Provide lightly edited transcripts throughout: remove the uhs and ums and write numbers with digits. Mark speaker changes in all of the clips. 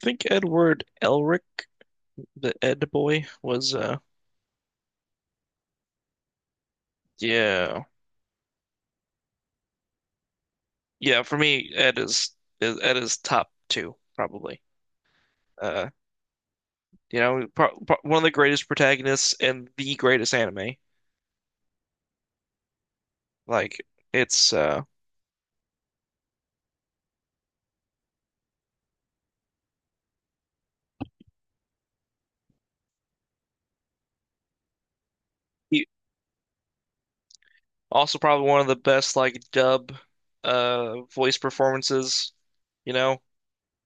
Speaker 1: Think Edward Elric, the Ed boy, was yeah. Yeah, for me, Ed is Ed is top two, probably. Uh you know, pro pro One of the greatest protagonists and the greatest anime. Like it's uh he- also probably one of the best like dub voice performances, you know,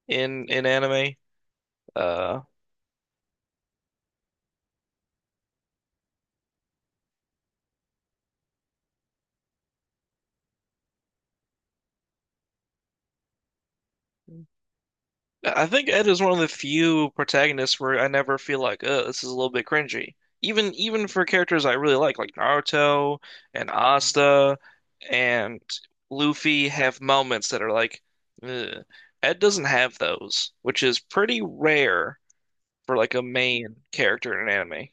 Speaker 1: in anime. Uh I think Ed is one of the few protagonists where I never feel like, this is a little bit cringy. Even for characters I really like Naruto and Asta and Luffy have moments that are like, ugh. Ed doesn't have those, which is pretty rare for like a main character in an anime.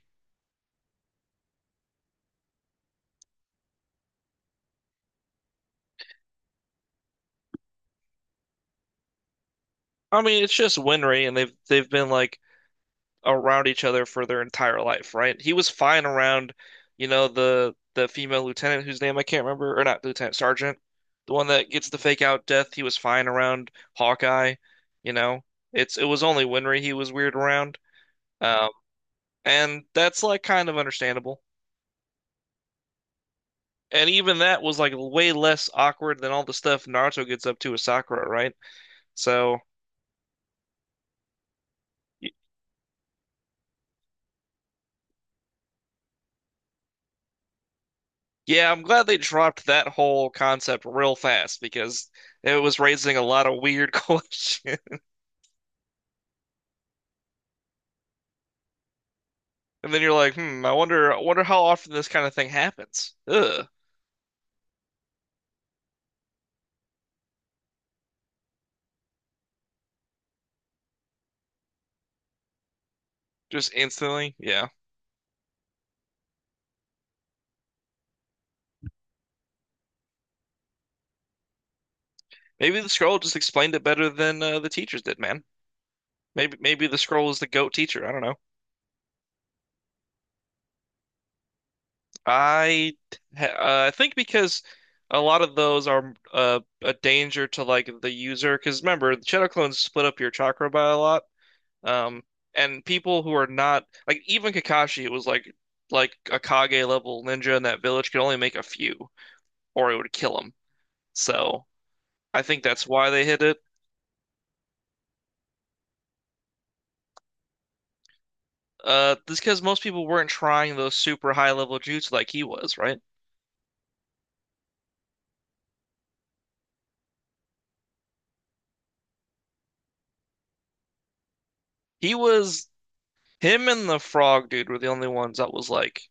Speaker 1: I mean, it's just Winry, and they've been like around each other for their entire life, right? He was fine around, you know, the female lieutenant whose name I can't remember, or not lieutenant, sergeant, the one that gets the fake out death. He was fine around Hawkeye, you know. It was only Winry he was weird around, um, and that's like kind of understandable. And even that was like way less awkward than all the stuff Naruto gets up to with Sakura, right? So. y- Yeah, I'm glad they dropped that whole concept real fast because it was raising a lot of weird questions. And then you're like, hmm, I wonder how often this kind of thing happens. Ugh. Just instantly, yeah. Maybe the scroll just explained it better than the teachers did, man. Maybe, maybe the scroll is the goat teacher. I don't know. I, ha- I think because a lot of those are a danger to like the user. Because remember, the shadow clones split up your chakra by a lot. Um, and people who are not like even Kakashi was like a Kage level ninja in that village could only make a few, or it would kill him. So. I think that's why they hid it. This because most people weren't trying those super high level jutsu like he was, right? He was him and the frog dude were the only ones that was like,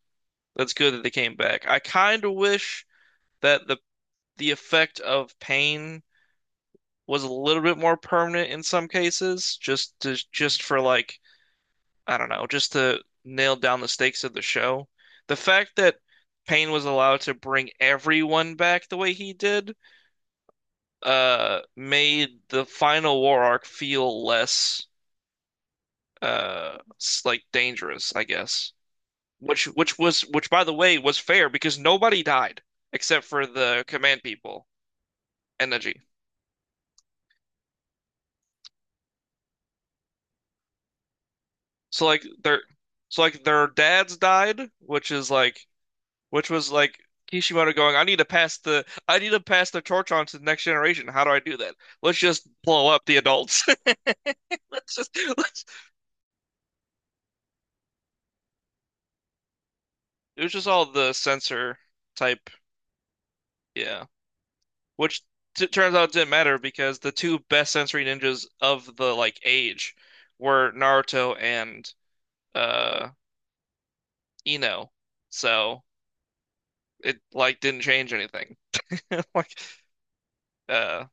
Speaker 1: that's good that they came back. I kind of wish that the effect of pain was a little bit more permanent in some cases, just to just for like I don't know, just to nail down the stakes of the show. The fact that pain was allowed to bring everyone back the way he did made the final war arc feel less uh like dangerous, I guess. Which by the way was fair because nobody died except for the command people and Neji. So like their so like their dads died, which is like which was like Kishimoto going, I need to pass the torch on to the next generation. How do I do that? Let's just blow up the adults. Let's just let's It was just all the censor type, yeah. Which t turns out didn't matter because the two best sensory ninjas of the like age were Naruto and uh Ino. So it like didn't change anything. Like uh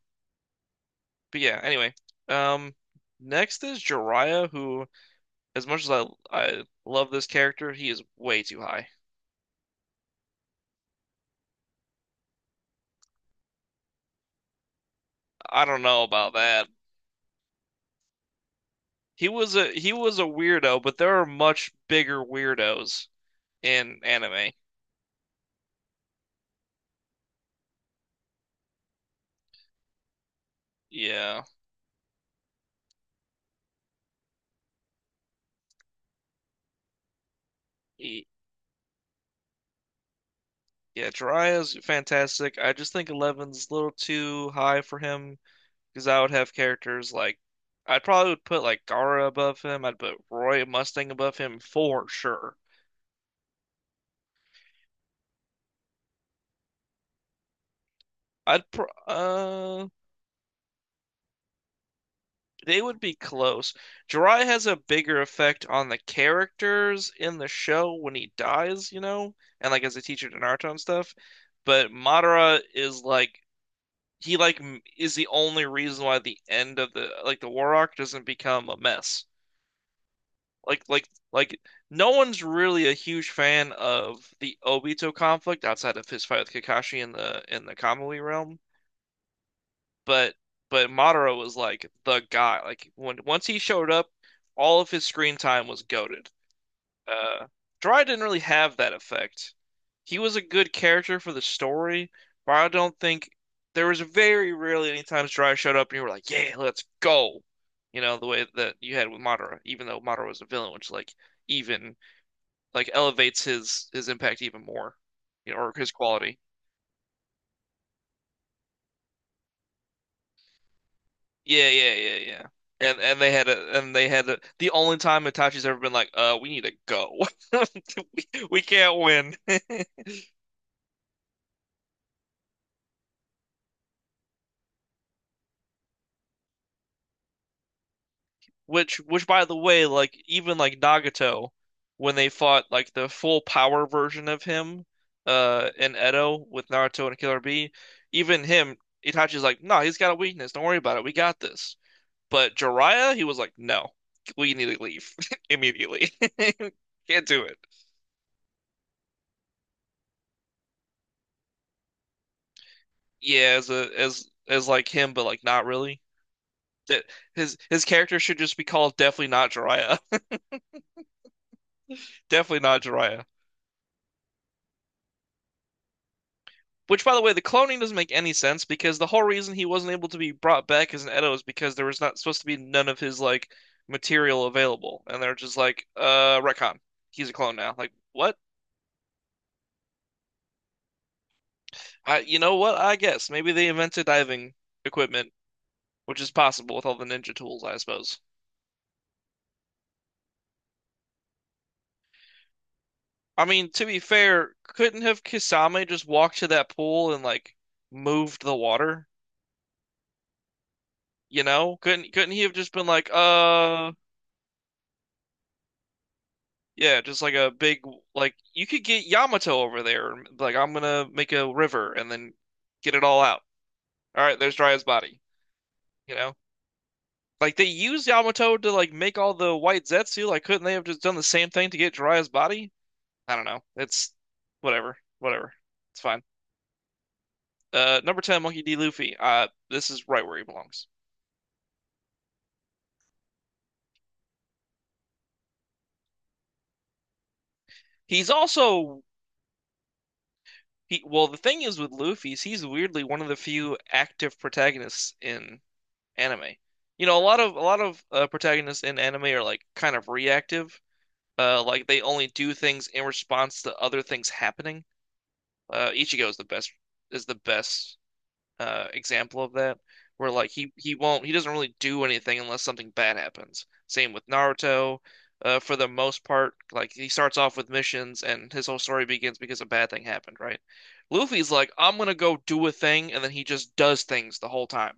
Speaker 1: but yeah, anyway. Um Next is Jiraiya who as much as I love this character, he is way too high. I don't know about that. He was a weirdo, but there are much bigger weirdos in anime. Yeah. He Yeah, Jiraiya's fantastic. I just think 11's a little too high for him because I would have characters like I'd probably would put like Gaara above him. I'd put Roy Mustang above him for sure. I'd pr uh they would be close. Jiraiya has a bigger effect on the characters in the show when he dies, you know, and like as a teacher to Naruto and stuff. But Madara is like is the only reason why the end of the war arc doesn't become a mess. Like no one's really a huge fan of the Obito conflict outside of his fight with Kakashi in the Kamui realm, but Madara was like the guy. Like when once he showed up, all of his screen time was goaded. Uh, Jiraiya didn't really have that effect. He was a good character for the story, but I don't think there was very rarely any times Jiraiya showed up and you were like, "Yeah, let's go." You know, the way that you had with Madara, even though Madara was a villain, which like even like elevates his impact even more, you know, or his quality. Yeah, yeah, yeah, yeah. And they had a the only time Itachi's ever been like, we need to go. We, we can't win. Which by the way, like even like Nagato, when they fought like the full power version of him, in Edo with Naruto and Killer Bee, even him, Itachi's like, no, he's got a weakness. Don't worry about it. We got this. But Jiraiya, he was like, no, we need to leave immediately. Can't do it. Yeah, as a as like him, but like not really. That his character should just be called definitely not Jiraiya. Definitely not Jiraiya. Which, by the way, the cloning doesn't make any sense because the whole reason he wasn't able to be brought back as an Edo is because there was not supposed to be none of his like material available, and they're just like, retcon. He's a clone now. Like, what? You know what? I guess maybe they invented diving equipment, which is possible with all the ninja tools, I suppose. I mean, to be fair, couldn't have Kisame just walked to that pool and like moved the water? You know? Couldn't he have just been like, yeah, just like a big like you could get Yamato over there and be like I'm gonna make a river and then get it all out. All right, there's Jiraiya's body, you know? Like they used Yamato to like make all the white Zetsu, like couldn't they have just done the same thing to get Jiraiya's body? I don't know. It's whatever, whatever. It's fine. Number 10, Monkey D. Luffy. This is right where he belongs. He's also he, well, The thing is with Luffy is he's weirdly one of the few active protagonists in anime. You know, a lot of protagonists in anime are like kind of reactive. Like they only do things in response to other things happening. Ichigo is the best is the best example of that, where like he won't he doesn't really do anything unless something bad happens. Same with Naruto, for the most part, like he starts off with missions and his whole story begins because a bad thing happened, right? Luffy's like, I'm gonna go do a thing, and then he just does things the whole time.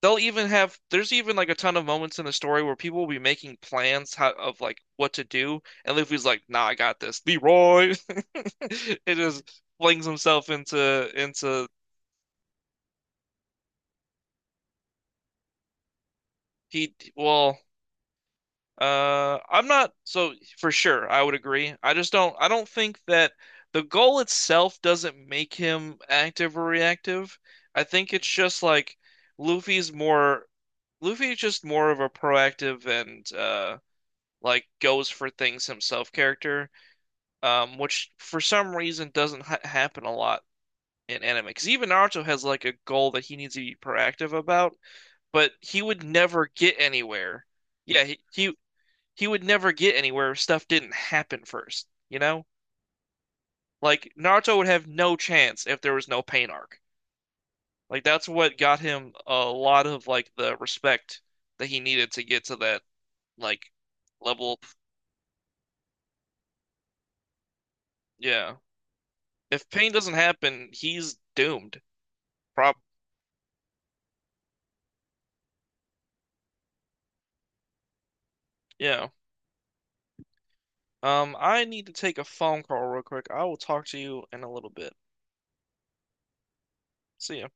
Speaker 1: They'll even have There's even like a ton of moments in the story where people will be making plans how, of like what to do, and Luffy's like, "Nah, I got this, Leroy." It just flings himself into he well I'm not so for sure. I would agree. I just don't. I don't think that the goal itself doesn't make him active or reactive. I think it's just like Luffy's more. Luffy is just more of a proactive and like goes for things himself character. Which for some reason doesn't ha happen a lot in anime. Because even Naruto has like a goal that he needs to be proactive about, but he would never get anywhere. Yeah, he, he he would never get anywhere if stuff didn't happen first, you know? Like Naruto would have no chance if there was no pain arc. Like that's what got him a lot of like the respect that he needed to get to that like level. Yeah. If pain doesn't happen, he's doomed. Prob Yeah. I need to take a phone call real quick. I will talk to you in a little bit. See ya.